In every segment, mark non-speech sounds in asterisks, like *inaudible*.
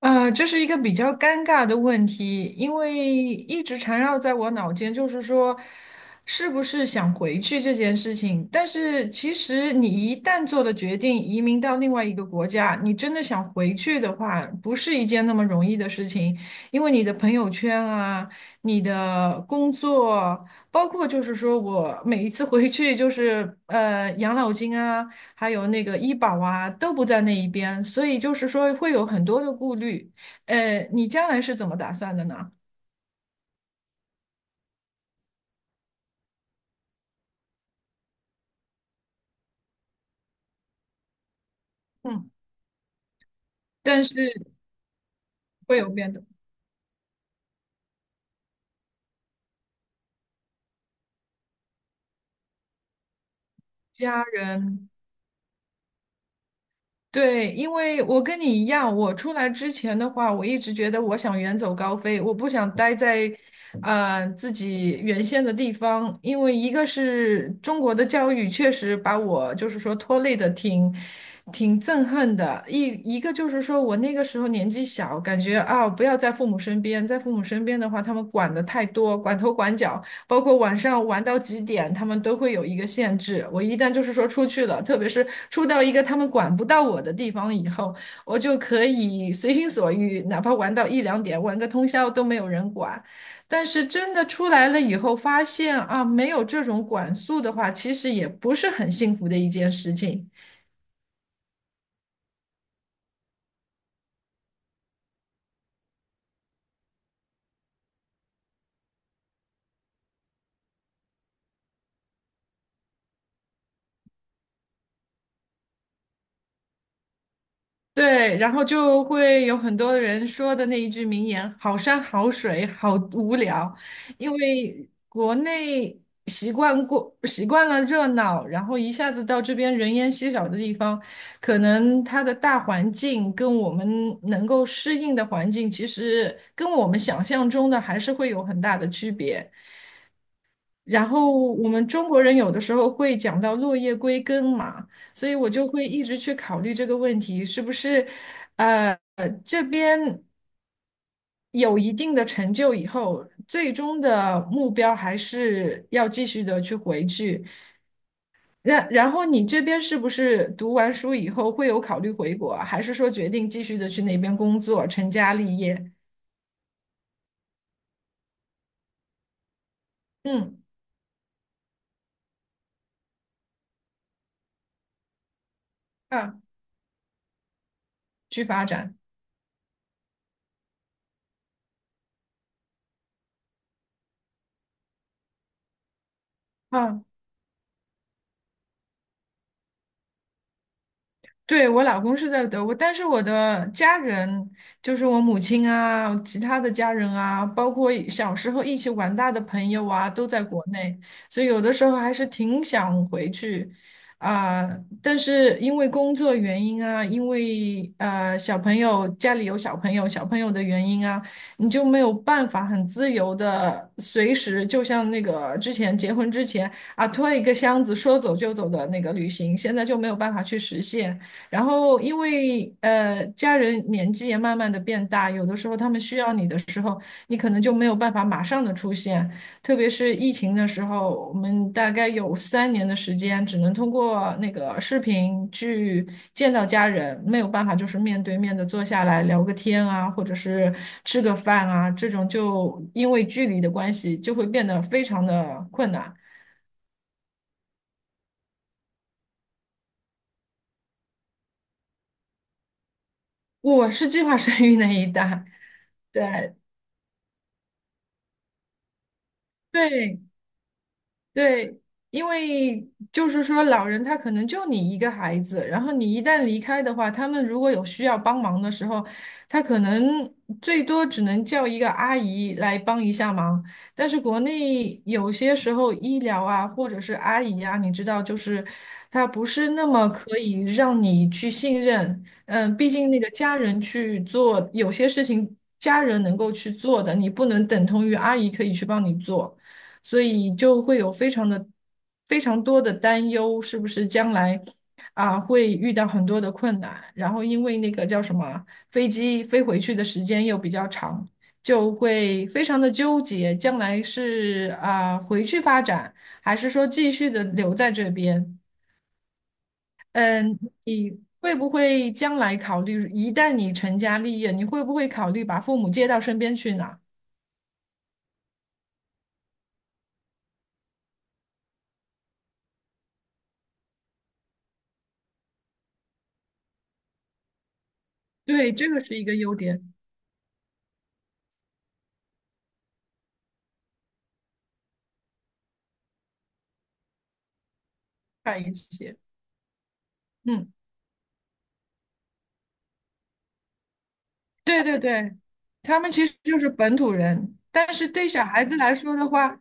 这是一个比较尴尬的问题，因为一直缠绕在我脑间，就是说，是不是想回去这件事情。但是其实你一旦做了决定，移民到另外一个国家，你真的想回去的话，不是一件那么容易的事情，因为你的朋友圈啊，你的工作，包括就是说我每一次回去就是养老金啊。还有那个医保啊，都不在那一边，所以就是说会有很多的顾虑。你将来是怎么打算的呢？嗯，但是会有变动，家人。对，因为我跟你一样，我出来之前的话，我一直觉得我想远走高飞，我不想待在，自己原先的地方。因为一个是中国的教育确实把我就是说拖累的挺，挺憎恨的。一个就是说我那个时候年纪小，感觉啊不要在父母身边，在父母身边的话，他们管的太多，管头管脚。包括晚上玩到几点，他们都会有一个限制。我一旦就是说出去了，特别是出到一个他们管不到我的地方以后，我就可以随心所欲，哪怕玩到一两点，玩个通宵都没有人管。但是真的出来了以后，发现啊，没有这种管束的话，其实也不是很幸福的一件事情。对，然后就会有很多人说的那一句名言：“好山好水好无聊”，因为国内习惯了热闹，然后一下子到这边人烟稀少的地方，可能它的大环境跟我们能够适应的环境，其实跟我们想象中的还是会有很大的区别。然后我们中国人有的时候会讲到落叶归根嘛，所以我就会一直去考虑这个问题，是不是，这边有一定的成就以后，最终的目标还是要继续的去回去。那然后你这边是不是读完书以后会有考虑回国啊还是说决定继续的去那边工作，成家立业？嗯，啊，去发展。啊。对，我老公是在德国，但是我的家人，就是我母亲啊，其他的家人啊，包括一小时候一起玩大的朋友啊，都在国内，所以有的时候还是挺想回去啊，但是因为工作原因啊，因为小朋友家里有小朋友的原因啊，你就没有办法很自由的随时，就像那个之前结婚之前啊，拖一个箱子说走就走的那个旅行，现在就没有办法去实现。然后，因为家人年纪也慢慢的变大，有的时候他们需要你的时候，你可能就没有办法马上的出现。特别是疫情的时候，我们大概有三年的时间，只能通过那个视频去见到家人，没有办法就是面对面的坐下来聊个天啊，或者是吃个饭啊，这种就因为距离的关系，就会变得非常的困难。我是计划生育那一代，对。对，对，因为就是说，老人他可能就你一个孩子，然后你一旦离开的话，他们如果有需要帮忙的时候，他可能最多只能叫一个阿姨来帮一下忙。但是国内有些时候医疗啊，或者是阿姨啊，你知道，就是他不是那么可以让你去信任。嗯，毕竟那个家人去做有些事情，家人能够去做的，你不能等同于阿姨可以去帮你做。所以就会有非常多的担忧，是不是将来啊会遇到很多的困难？然后因为那个叫什么飞机飞回去的时间又比较长，就会非常的纠结，将来是啊回去发展，还是说继续的留在这边？嗯，你会不会将来考虑，一旦你成家立业，你会不会考虑把父母接到身边去呢？对，这个是一个优点，快一些。嗯。对对对，他们其实就是本土人，但是对小孩子来说的话，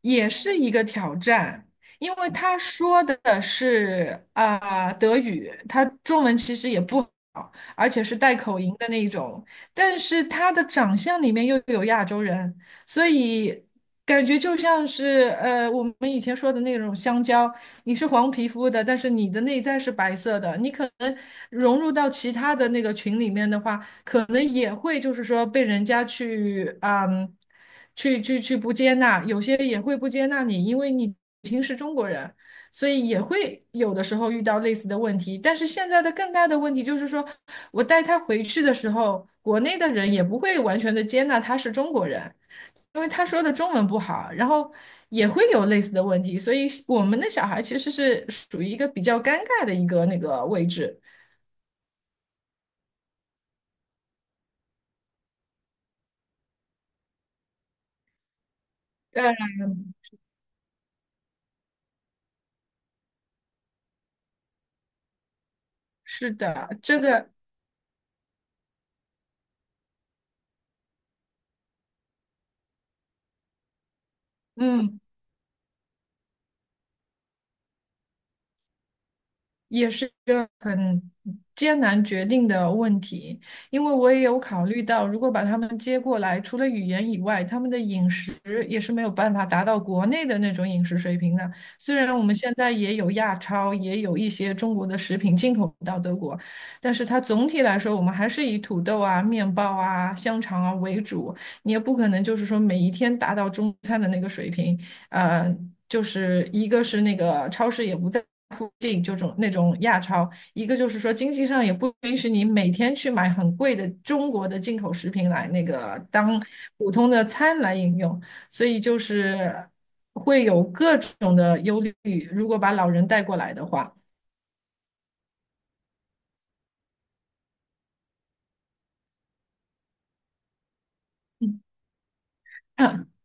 也是一个挑战，因为他说的是啊、德语，他中文其实也不好，而且是带口音的那一种，但是他的长相里面又有亚洲人，所以感觉就像是我们以前说的那种香蕉，你是黄皮肤的，但是你的内在是白色的，你可能融入到其他的那个群里面的话。可能也会就是说被人家去啊嗯，去不接纳，有些也会不接纳你，因为你已经是中国人，所以也会有的时候遇到类似的问题。但是现在的更大的问题就是说，我带他回去的时候，国内的人也不会完全的接纳他是中国人，因为他说的中文不好，然后也会有类似的问题。所以我们的小孩其实是属于一个比较尴尬的一个那个位置。呃，是的，这个，嗯。也是一个很艰难决定的问题，因为我也有考虑到，如果把他们接过来，除了语言以外，他们的饮食也是没有办法达到国内的那种饮食水平的。虽然我们现在也有亚超，也有一些中国的食品进口到德国，但是它总体来说，我们还是以土豆啊、面包啊、香肠啊为主。你也不可能就是说每一天达到中餐的那个水平，呃，就是一个是那个超市也不在附近，就种那种亚超；一个就是说经济上也不允许你每天去买很贵的中国的进口食品来那个当普通的餐来饮用，所以就是会有各种的忧虑。如果把老人带过来的话，嗯 *clears throat*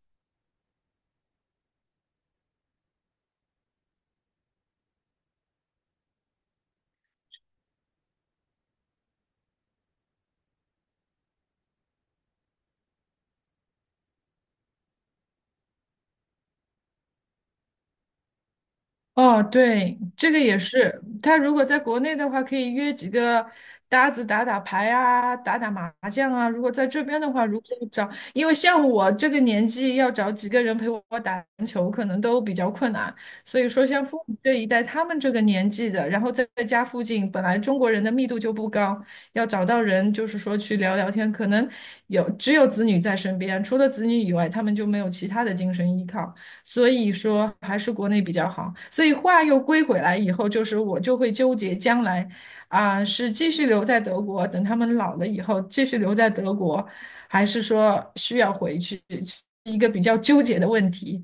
哦，对，这个也是。他如果在国内的话，可以约几个搭子打打牌啊，打打麻将啊。如果在这边的话，如果找，因为像我这个年纪，要找几个人陪我打篮球，可能都比较困难。所以说，像父母这一代，他们这个年纪的，然后在家附近，本来中国人的密度就不高，要找到人，就是说去聊聊天，可能有只有子女在身边，除了子女以外，他们就没有其他的精神依靠。所以说还是国内比较好。所以话又归回来以后，就是我就会纠结将来啊，是继续留在德国，等他们老了以后继续留在德国，还是说需要回去，是一个比较纠结的问题。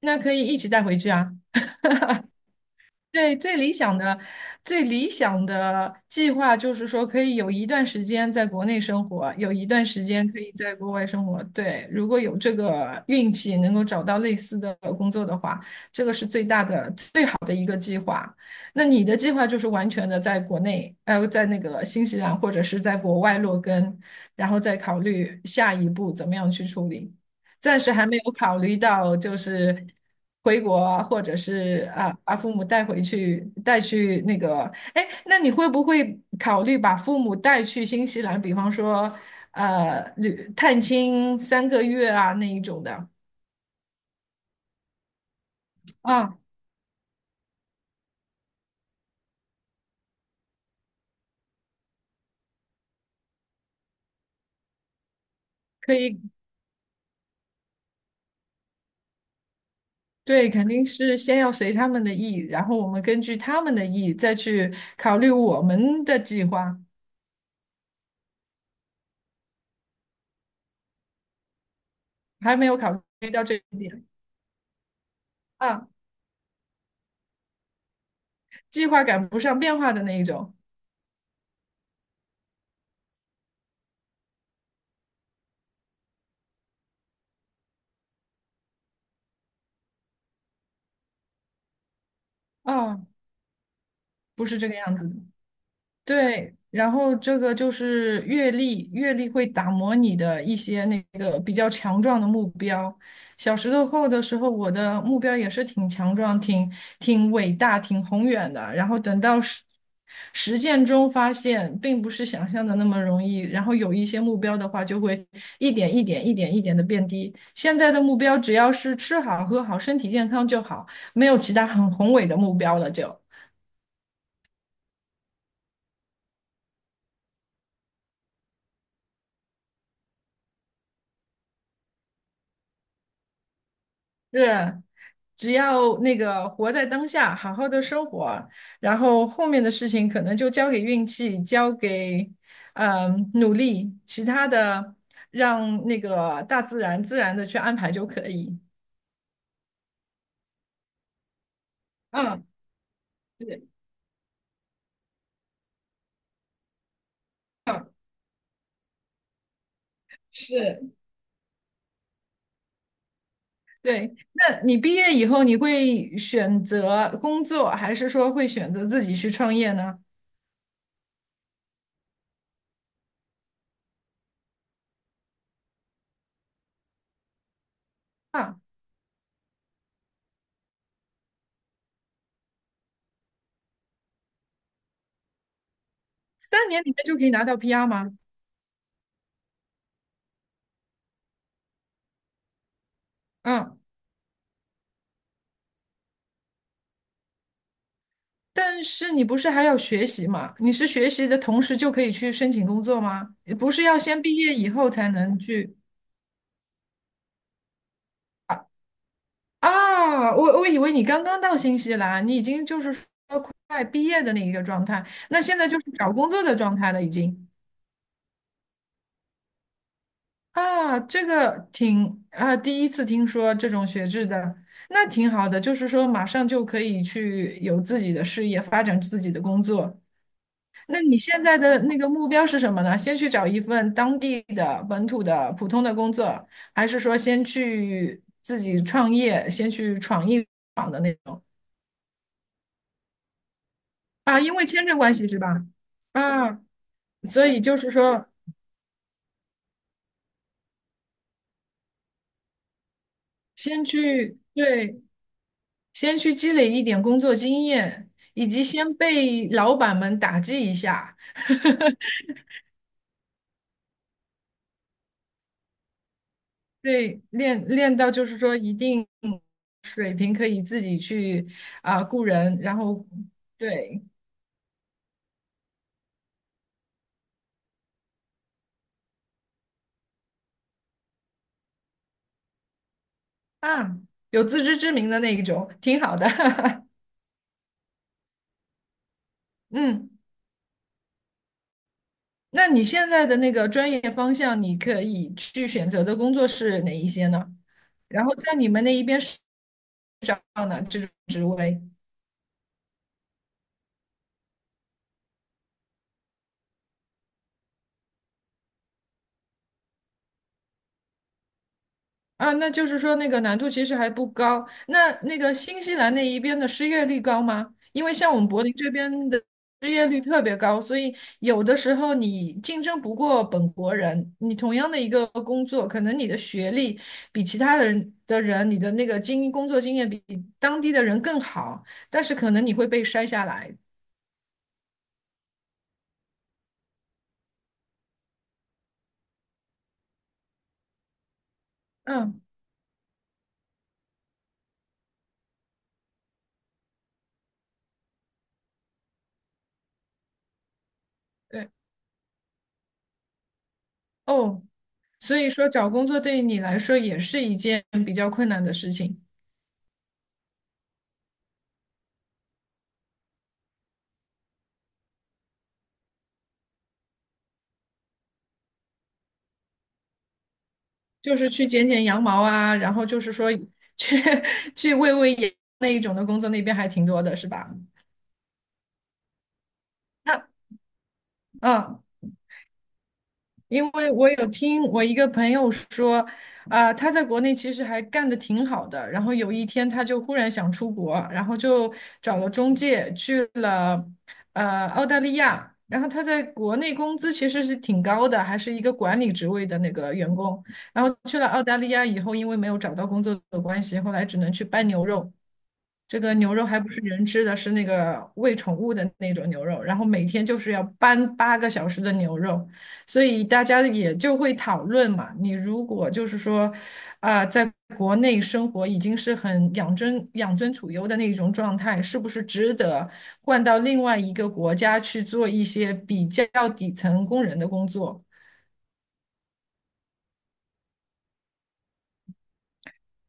那可以一起带回去啊。对，最理想的计划就是说，可以有一段时间在国内生活，有一段时间可以在国外生活。对，如果有这个运气能够找到类似的工作的话，这个是最好的一个计划。那你的计划就是完全的在国内，在那个新西兰或者是在国外落根，然后再考虑下一步怎么样去处理。暂时还没有考虑到，就是回国啊或者是啊，把父母带回去，带去那个，哎，那你会不会考虑把父母带去新西兰，比方说旅探亲3个月啊那一种的啊？可以，对，肯定是先要随他们的意，然后我们根据他们的意再去考虑我们的计划，还没有考虑到这一点啊，计划赶不上变化的那一种啊，不是这个样子的。对，然后这个就是阅历，阅历会打磨你的一些那个比较强壮的目标。小石头后的时候，我的目标也是挺强壮、挺伟大、挺宏远的。然后等到实践中发现，并不是想象的那么容易。然后有一些目标的话，就会一点一点、一点一点的变低。现在的目标只要是吃好、喝好、身体健康就好，没有其他很宏伟的目标了就。是，只要那个活在当下，好好的生活，然后后面的事情可能就交给运气，交给努力，其他的让那个大自然自然的去安排就可以。嗯，对，嗯，是，对。那你毕业以后，你会选择工作，还是说会选择自己去创业呢？啊，三年里面就可以拿到 PR 吗？嗯。但是你不是还要学习吗？你是学习的同时就可以去申请工作吗？不是要先毕业以后才能去啊？啊，我我以为你刚刚到新西兰，你已经就是说快毕业的那一个状态，那现在就是找工作的状态了已经。啊，这个挺啊，第一次听说这种学制的，那挺好的，就是说马上就可以去有自己的事业，发展自己的工作。那你现在的那个目标是什么呢？先去找一份当地的本土的普通的工作，还是说先去自己创业，先去闯一闯的那种啊？因为签证关系是吧？啊，所以就是说，先去，对，先去积累一点工作经验，以及先被老板们打击一下，对，练到就是说一定水平可以自己去啊、雇人，然后对。啊，有自知之明的那一种，挺好的。*laughs* 嗯，那你现在的那个专业方向，你可以去选择的工作是哪一些呢？然后在你们那一边是找到呢这种职位？啊，那就是说那个难度其实还不高。那那个新西兰那一边的失业率高吗？因为像我们柏林这边的失业率特别高，所以有的时候你竞争不过本国人，你同样的一个工作，可能你的学历比其他的人的人，你的那个经工作经验比当地的人更好，但是可能你会被筛下来。嗯，对，哦，所以说找工作对于你来说也是一件比较困难的事情。就是去剪剪羊毛啊，然后就是说去 *laughs* 去喂喂羊那一种的工作，那边还挺多的，是吧？那嗯，因为我有听我一个朋友说，啊、他在国内其实还干得挺好的，然后有一天他就忽然想出国，然后就找了中介去了澳大利亚，然后他在国内工资其实是挺高的，还是一个管理职位的那个员工，然后去了澳大利亚以后，因为没有找到工作的关系，后来只能去搬牛肉。这个牛肉还不是人吃的，是那个喂宠物的那种牛肉，然后每天就是要搬8个小时的牛肉，所以大家也就会讨论嘛。你如果就是说，啊、在国内生活已经是很养尊处优的那种状态，是不是值得换到另外一个国家去做一些比较底层工人的工作？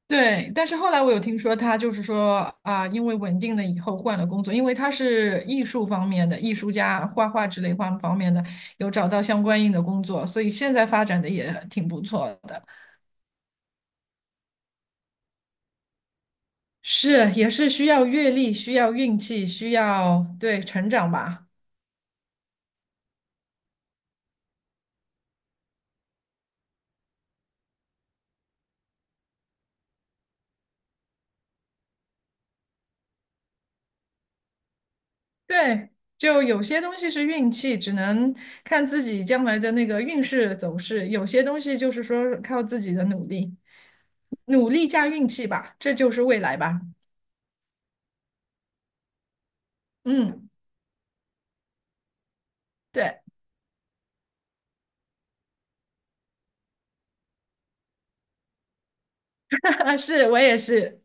对，但是后来我有听说他就是说啊，因为稳定了以后换了工作，因为他是艺术方面的艺术家，画画之类方方面的，有找到相关应的工作，所以现在发展的也挺不错的。是，也是需要阅历，需要运气，需要对成长吧。对，就有些东西是运气，只能看自己将来的那个运势走势；有些东西就是说靠自己的努力，努力加运气吧，这就是未来吧。嗯，对。*laughs* 啊，是我也是。